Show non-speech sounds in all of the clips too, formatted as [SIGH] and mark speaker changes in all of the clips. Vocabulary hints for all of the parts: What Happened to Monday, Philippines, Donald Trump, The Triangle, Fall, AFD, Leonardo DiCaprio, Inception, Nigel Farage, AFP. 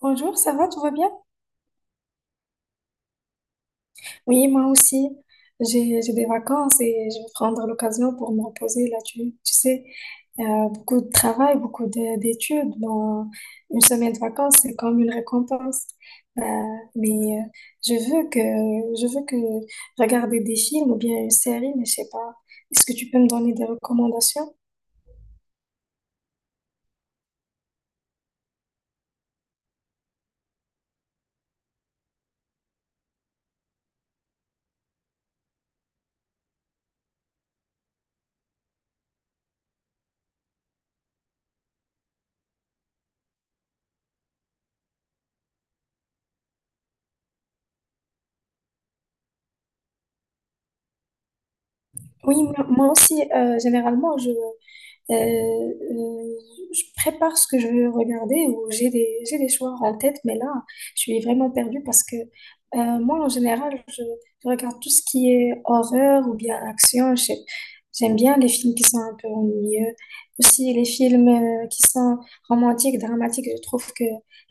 Speaker 1: Bonjour, ça va, tout va bien? Oui, moi aussi. J'ai des vacances et je vais prendre l'occasion pour me reposer là. Tu sais, beaucoup de travail, d'études. Bon, une semaine de vacances, c'est comme une récompense. Euh, mais euh, je veux que je veux que regarder des films ou bien une série, mais je sais pas. Est-ce que tu peux me donner des recommandations? Oui, moi aussi, généralement, Euh, euh, je prépare ce que je veux regarder ou j'ai des choix en tête, mais là, je suis vraiment perdue parce que moi, en général, je regarde tout ce qui est horreur ou bien action. J'aime bien les films qui sont un peu ennuyeux. Aussi, les films qui sont romantiques, dramatiques, je trouve que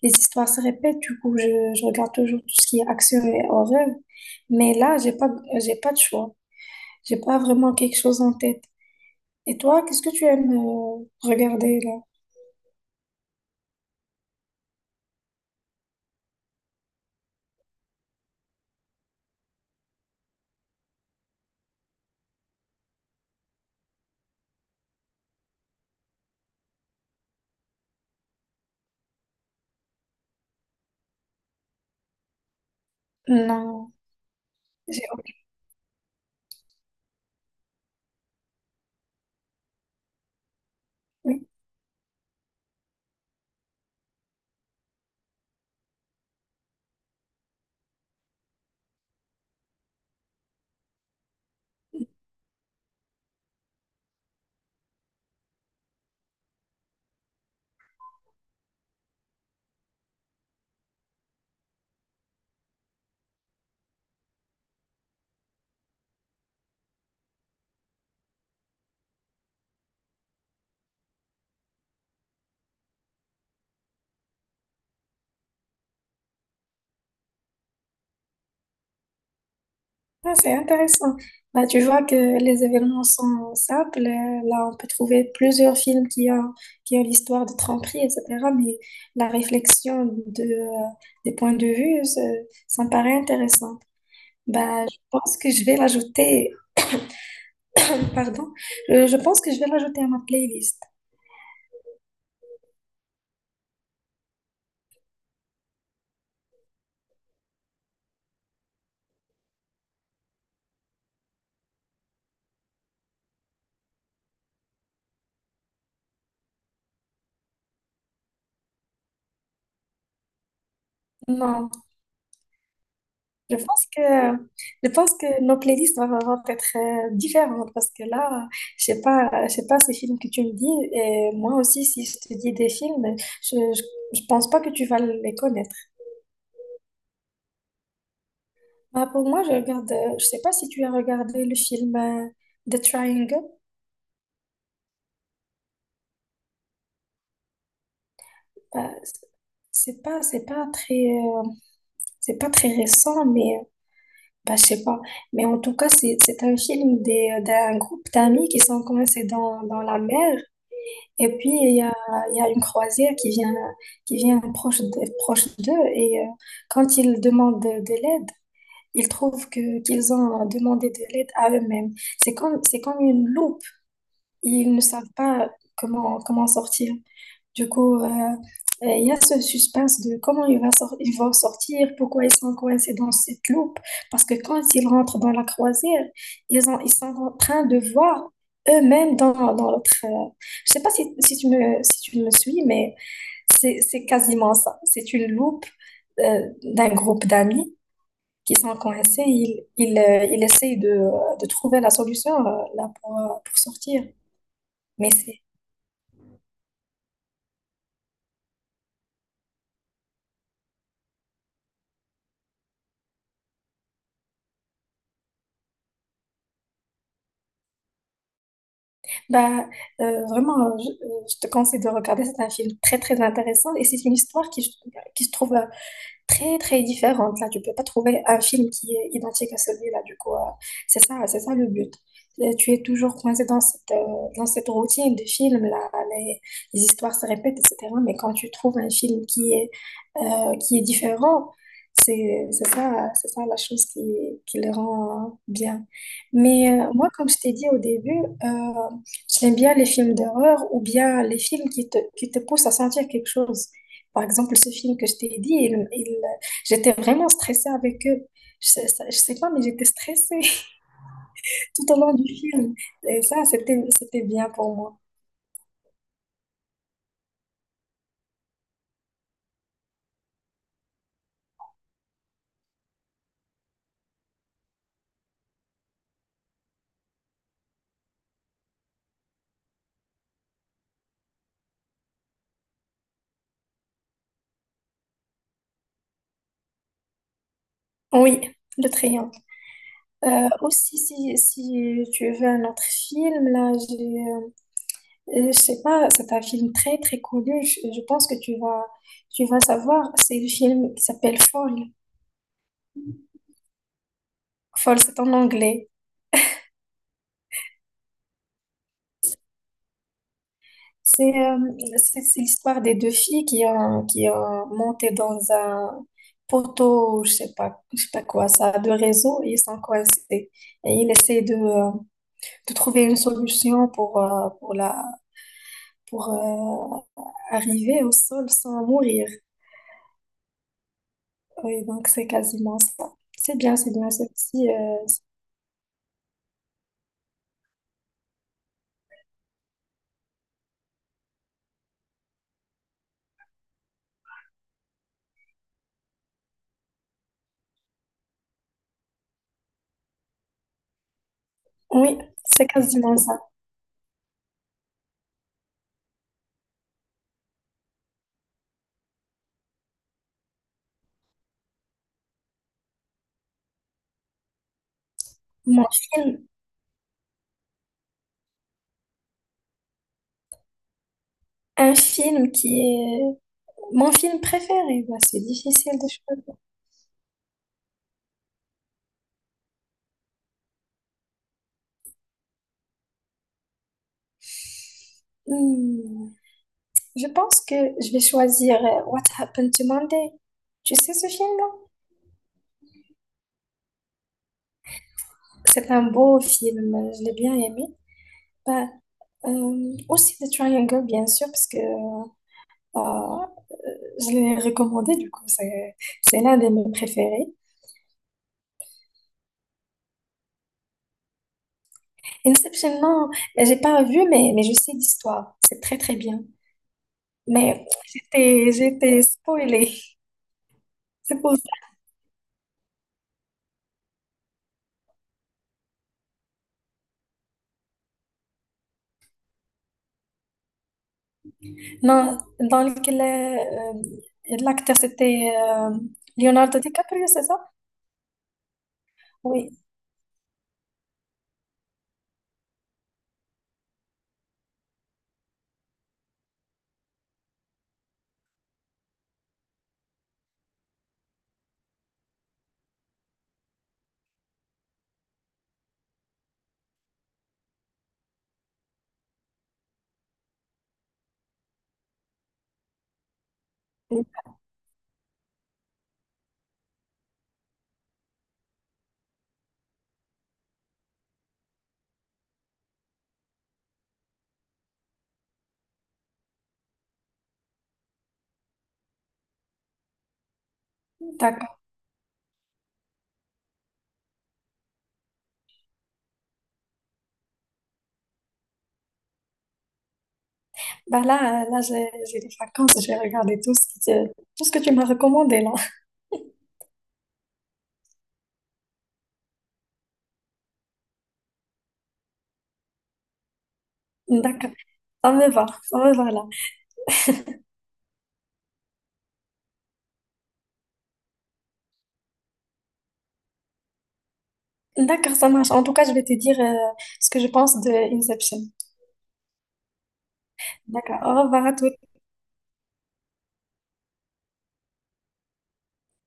Speaker 1: les histoires se répètent. Du coup, je regarde toujours tout ce qui est action et horreur. Mais là, j'ai pas de choix. J'ai pas vraiment quelque chose en tête. Et toi, qu'est-ce que tu aimes regarder là? Non, j'ai oui. Ah, c'est intéressant. Bah, tu vois que les événements sont simples. Là, on peut trouver plusieurs films qui ont l'histoire de tromperie, etc. Mais la réflexion de des points de vue, ça me paraît intéressant. Bah, je pense que je vais l'ajouter [LAUGHS] Pardon, je pense que je vais l'ajouter à ma playlist. Non, je pense que je pense que nos playlists vont être différentes parce que là, je sais pas ces films que tu me dis et moi aussi si je te dis des films, je je, je pense pas que tu vas les connaître. Bah, pour moi, je sais pas si tu as regardé le film The Triangle. Bah, c'est pas, c'est pas très, euh, c'est pas très récent, bah, je sais pas. Mais en tout cas, c'est un film d'un groupe d'amis qui sont coincés dans la mer. Et puis, il y a une croisière qui vient proche d'eux. Et quand ils demandent de l'aide, ils trouvent qu'ils ont demandé de l'aide à eux-mêmes. C'est comme une loupe. Ils ne savent pas comment sortir. Du coup, il y a ce suspense de comment il va sor- ils vont sortir, pourquoi ils sont coincés dans cette loupe. Parce que quand ils rentrent dans la croisière, ils sont en train de voir eux-mêmes dans l'autre. Je sais pas si tu me suis, mais c'est quasiment ça. C'est une loupe d'un groupe d'amis qui sont coincés, ils essayent de trouver la solution pour sortir. Mais c'est. Bah, je te conseille de regarder. C'est un film très, très intéressant et c'est une histoire qui se trouve très, très différente. Là, tu peux pas trouver un film qui est identique à celui-là. Du coup, c'est ça le but. Tu es toujours coincé dans cette routine de film, les histoires se répètent, etc. Mais quand tu trouves un film qui est différent. C'est ça la chose qui le rend bien. Mais moi, comme je t'ai dit au début, euh, j'aime bien les films d'horreur ou bien les films qui te poussent à sentir quelque chose. Par exemple, ce film que je t'ai dit, j'étais vraiment stressée avec eux. Je sais pas, mais j'étais stressée [LAUGHS] tout au long du film. Et ça, c'était bien pour moi. Oui, le triangle. Si, si tu veux un autre film, je sais pas, c'est un film très très connu. Je pense que tu vas savoir. C'est le film qui s'appelle Fall. Fall, c'est en anglais. C'est euh, c'est l'histoire des deux filles qui ont monté dans un poteau, je sais pas quoi, ça de réseau et ils sont coincés. Et ils essaient de trouver une solution pour arriver au sol sans mourir. Oui, donc c'est quasiment ça. C'est aussi oui, c'est quasiment ça. Mon film, un film qui est mon film préféré, bah, c'est difficile de choisir. Hmm, je pense que je vais choisir What Happened to Monday. Tu sais ce film-là? C'est un beau film, je l'ai bien aimé. Bah, aussi The Triangle, bien sûr, parce que euh, je l'ai recommandé, du coup, c'est l'un de mes préférés. Inception, non, j'ai pas vu, mais je sais l'histoire. C'est très, très bien. Mais j'étais spoilée. C'est pour ça. Non, dans lequel l'acteur c'était Leonardo DiCaprio, c'est ça? Oui. D'accord. Bah là, j'ai des vacances, je vais regarder tout ce que tu m'as recommandé là. D'accord. Ça me va là. D'accord, ça marche. En tout cas, je vais te dire ce que je pense de Inception. D'accord. Au revoir à tous.